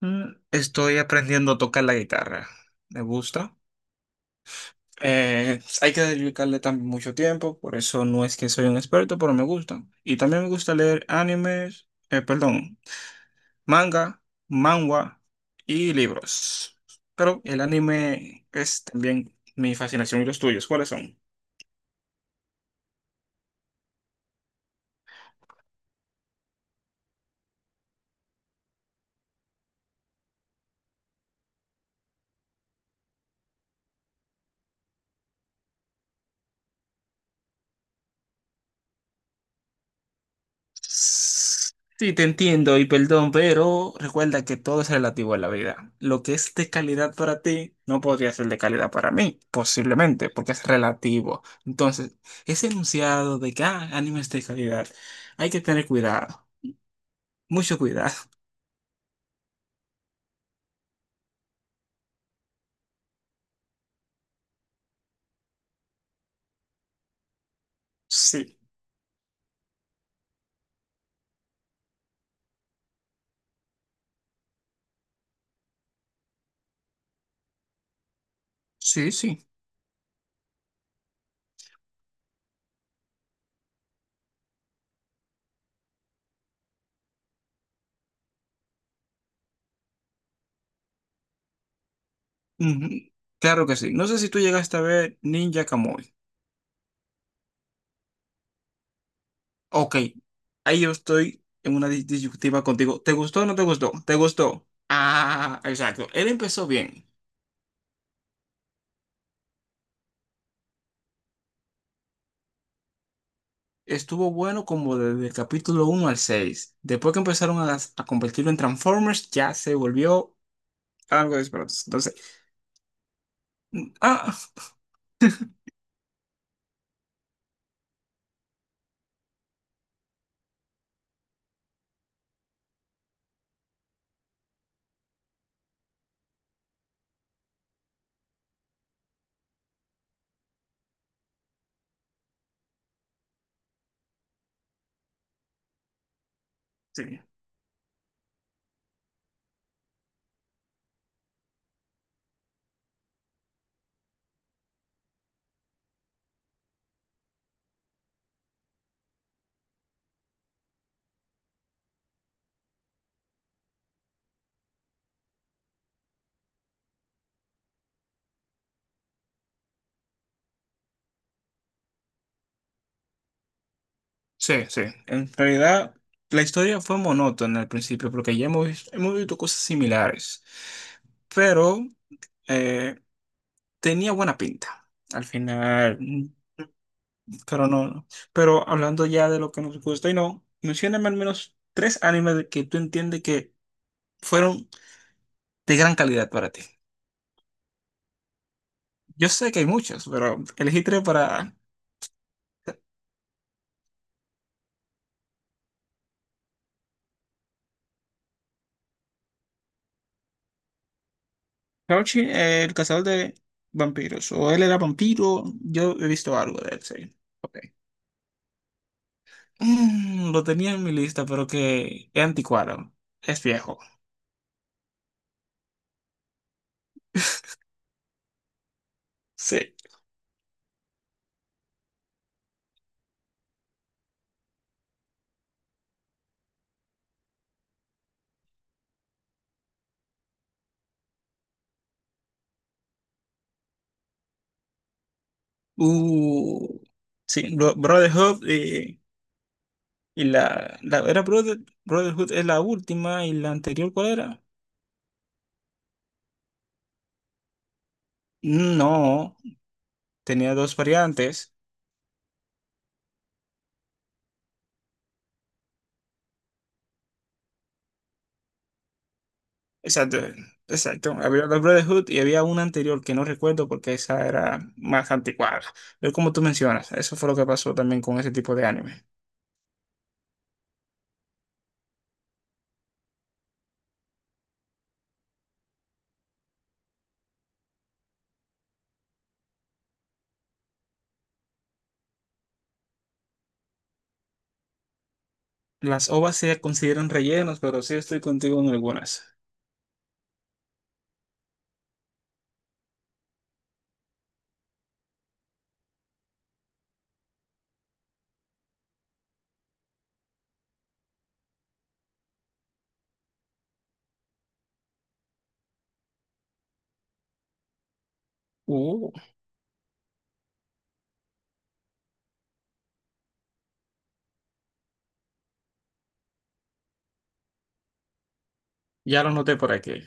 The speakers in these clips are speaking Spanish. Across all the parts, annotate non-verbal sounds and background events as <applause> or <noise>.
Estoy aprendiendo a tocar la guitarra. Me gusta. Hay que dedicarle también mucho tiempo, por eso no es que soy un experto, pero me gusta. Y también me gusta leer animes, perdón, manga, manhwa y libros. Pero el anime es también mi fascinación. ¿Y los tuyos cuáles son? Sí, te entiendo y perdón, pero recuerda que todo es relativo a la vida. Lo que es de calidad para ti no podría ser de calidad para mí, posiblemente, porque es relativo. Entonces, ese enunciado de que ah, anime es de calidad, hay que tener cuidado, mucho cuidado. Sí, sí, sí. Ujú. Claro que sí. No sé si tú llegaste a ver Ninja Kamui. Ok, ahí yo estoy en una disyuntiva contigo. ¿Te gustó o no te gustó? ¿Te gustó? Ah, exacto. Él empezó bien. Estuvo bueno como desde el capítulo uno al 6. Después que empezaron a convertirlo en Transformers, ya se volvió algo disparado. Entonces, mm, ah, sí, sí, sí. En realidad, la historia fue monótona al principio, porque ya hemos visto cosas similares. Pero eh, tenía buena pinta al final. Pero no, no. Pero hablando ya de lo que nos gusta y no, mencióname al menos tres animes de que tú entiendes que fueron de gran calidad para ti. Yo sé que hay muchos, pero elegí tres para… Crouchy, el cazador de vampiros. O él era vampiro, yo he visto algo de él, sí. Ok. Lo tenía en mi lista, pero que es anticuado. Es viejo. Sí. Uh, sí, Brotherhood y, era Brotherhood es la última, y la anterior, ¿cuál era? No, tenía dos variantes. Exacto, exacto. Había la Brotherhood y había una anterior que no recuerdo porque esa era más anticuada. Pero como tú mencionas, eso fue lo que pasó también con ese tipo de anime. Las OVAs se consideran rellenos, pero sí estoy contigo en algunas. Uh, ya lo noté por aquí.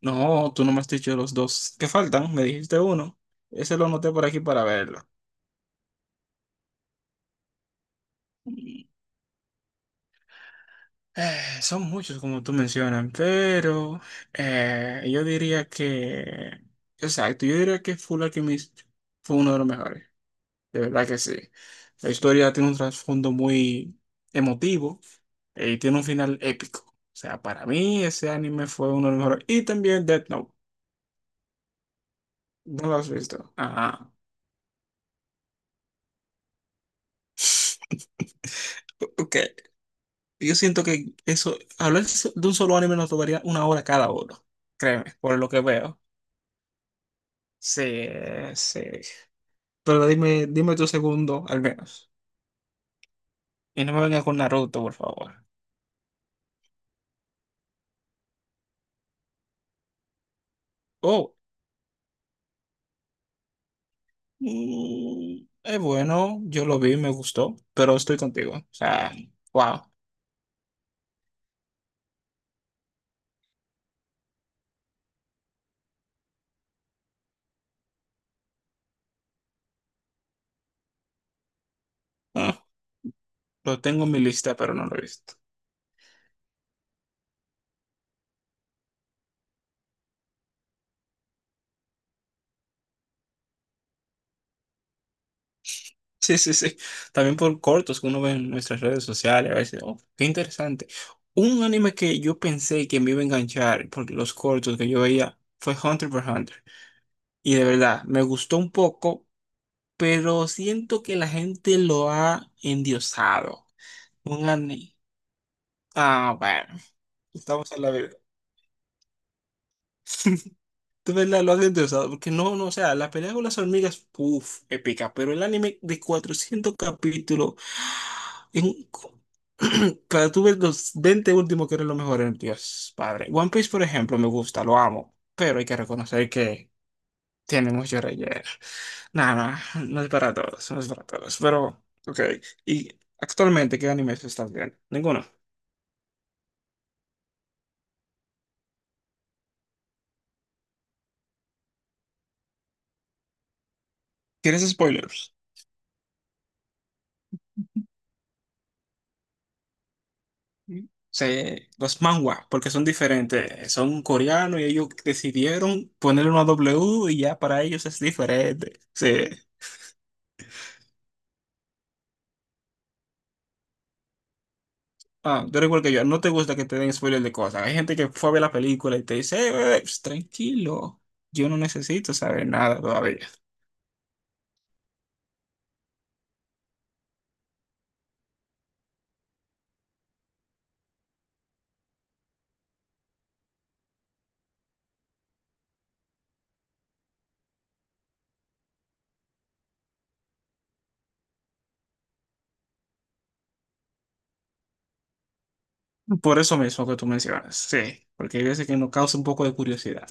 No, tú no me has dicho los dos que faltan, me dijiste uno. Ese lo noté por aquí para verlo. Son muchos, como tú mencionas, pero eh, yo diría que, exacto, yo diría que Full Alchemist fue uno de los mejores, de verdad que sí. La historia tiene un trasfondo muy emotivo y tiene un final épico. O sea, para mí ese anime fue uno de los mejores. Y también Death Note, ¿no lo has visto? Ajá. Ok, yo siento que eso, hablar de un solo anime nos tomaría una hora cada uno, créeme, por lo que veo. Sí, sí. Pero dime, dime tu segundo, al menos. Y no me vengas con Naruto, por favor. Oh, es bueno, yo lo vi, me gustó, pero estoy contigo. O sea, wow. Ah, lo tengo en mi lista, pero no lo he visto. <laughs> Sí, sí, sí. También por cortos que uno ve en nuestras redes sociales, a veces, oh, qué interesante. Un anime que yo pensé que me iba a enganchar porque los cortos que yo veía fue Hunter x Hunter. Y de verdad, me gustó un poco, pero siento que la gente lo ha endiosado. Un anime. Ah, bueno. Estamos en la vida. De verdad, lo has interesado. Porque no, no, o sea, la pelea con las hormigas, uff, épica. Pero el anime de 400 capítulos. en- <clears throat> Para tú ver los 20 últimos que eran los mejores, Dios, padre. One Piece, por ejemplo, me gusta, lo amo. Pero hay que reconocer que tiene mucho relleno. Nada, no, no es para todos, no es para todos. Pero, ok. ¿Y actualmente qué animes estás viendo? Ninguno. ¿Tienes spoilers? Se, los manhwa, porque son diferentes, son coreanos y ellos decidieron ponerle una W y ya para ellos es diferente. Sí. Ah, tú eres que yo, no te gusta que te den spoilers de cosas. Hay gente que fue a ver la película y te dice, ps, tranquilo, yo no necesito saber nada todavía." Por eso mismo que tú mencionas, sí, porque hay veces que nos causa un poco de curiosidad.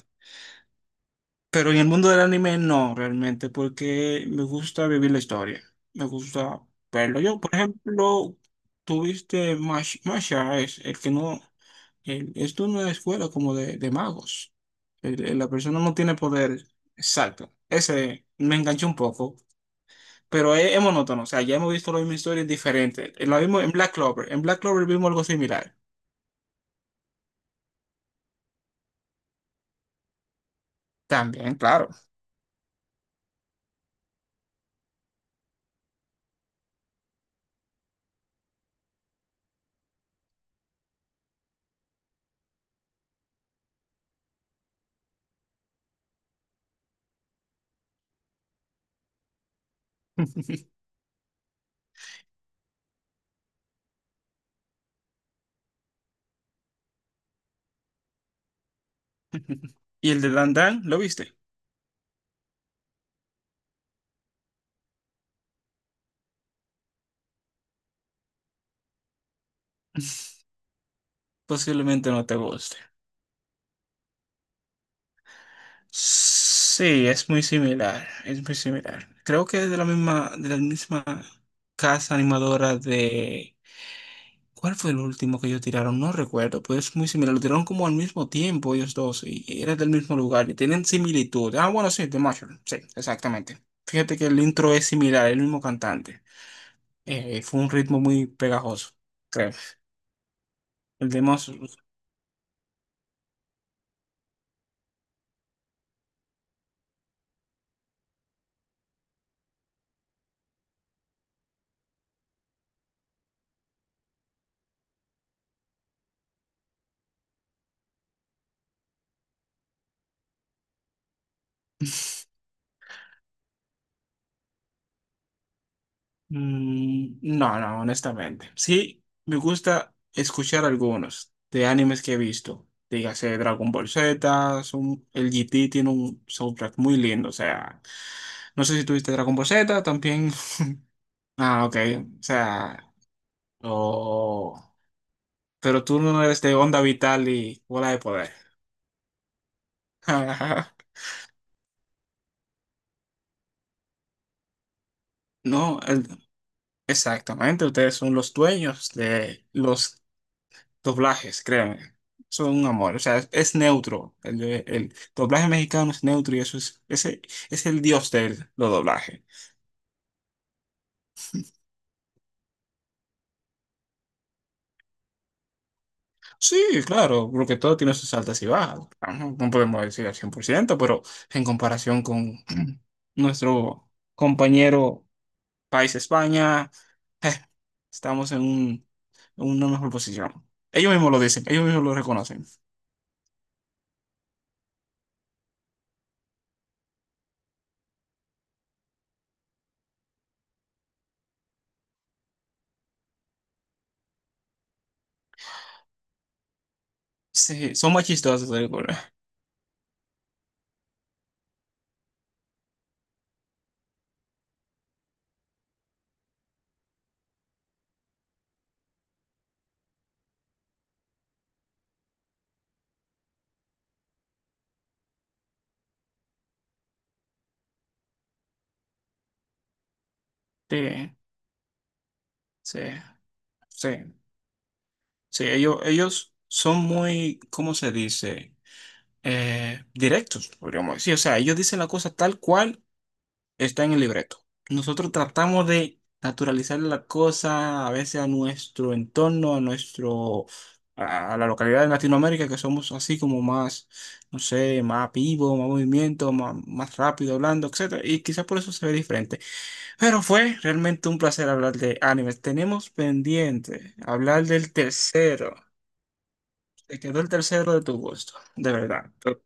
Pero en el mundo del anime no, realmente, porque me gusta vivir la historia. Me gusta verlo. Yo, por ejemplo, tuviste Masha, es el que no. Es de una escuela como de magos. La persona no tiene poder. Exacto. Ese me enganchó un poco. Pero es monótono. O sea, ya hemos visto la misma historia diferente. Lo vimos en Black Clover. En Black Clover vimos algo similar. También, claro. <laughs> ¿Y el de Dan Dan? ¿Lo viste? <laughs> Posiblemente no te guste. Sí, es muy similar, es muy similar. Creo que es de la misma casa animadora de... ¿Cuál fue el último que ellos tiraron? No recuerdo, pero es muy similar. Lo tiraron como al mismo tiempo ellos dos y era del mismo lugar y tienen similitud. Ah, bueno, sí, The Marshall. Sí, exactamente. Fíjate que el intro es similar, el mismo cantante. Fue un ritmo muy pegajoso, creo. El de Marshall… No, no, honestamente. Sí, me gusta escuchar algunos de animes que he visto. Dígase Dragon Ball Z, el GT tiene un soundtrack muy lindo. O sea, no sé si tuviste Dragon Ball Z también. <laughs> Ah, ok. O sea, oh, pero tú no eres de Onda Vital y Bola de Poder. <laughs> No, exactamente. Ustedes son los dueños de los doblajes, créanme. Son un amor, o sea, es neutro. El doblaje mexicano es neutro y eso es, ese, es el dios de los doblajes. Sí, claro, porque todo tiene sus altas y bajas. Ajá, no podemos decir al 100 por ciento, pero en comparación con <clears throat> nuestro compañero país España, eh, estamos en en una mejor posición. Ellos mismos lo dicen, ellos mismos lo reconocen. Sí, son más chistosos, seguro. Sí, sí, sí. Sí, ellos son muy, ¿cómo se dice? Directos, podríamos decir. O sea, ellos dicen la cosa tal cual está en el libreto. Nosotros tratamos de naturalizar la cosa a veces a nuestro entorno, a nuestro, a la localidad de Latinoamérica, que somos así como más, no sé, más vivo, más movimiento, más, más rápido hablando, etcétera. Y quizás por eso se ve diferente. Pero fue realmente un placer hablar de animes. Tenemos pendiente hablar del tercero. Te quedó el tercero de tu gusto, de verdad. Pero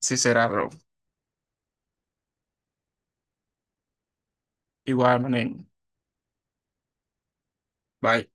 sí será, bro. Igual, manín. Bye.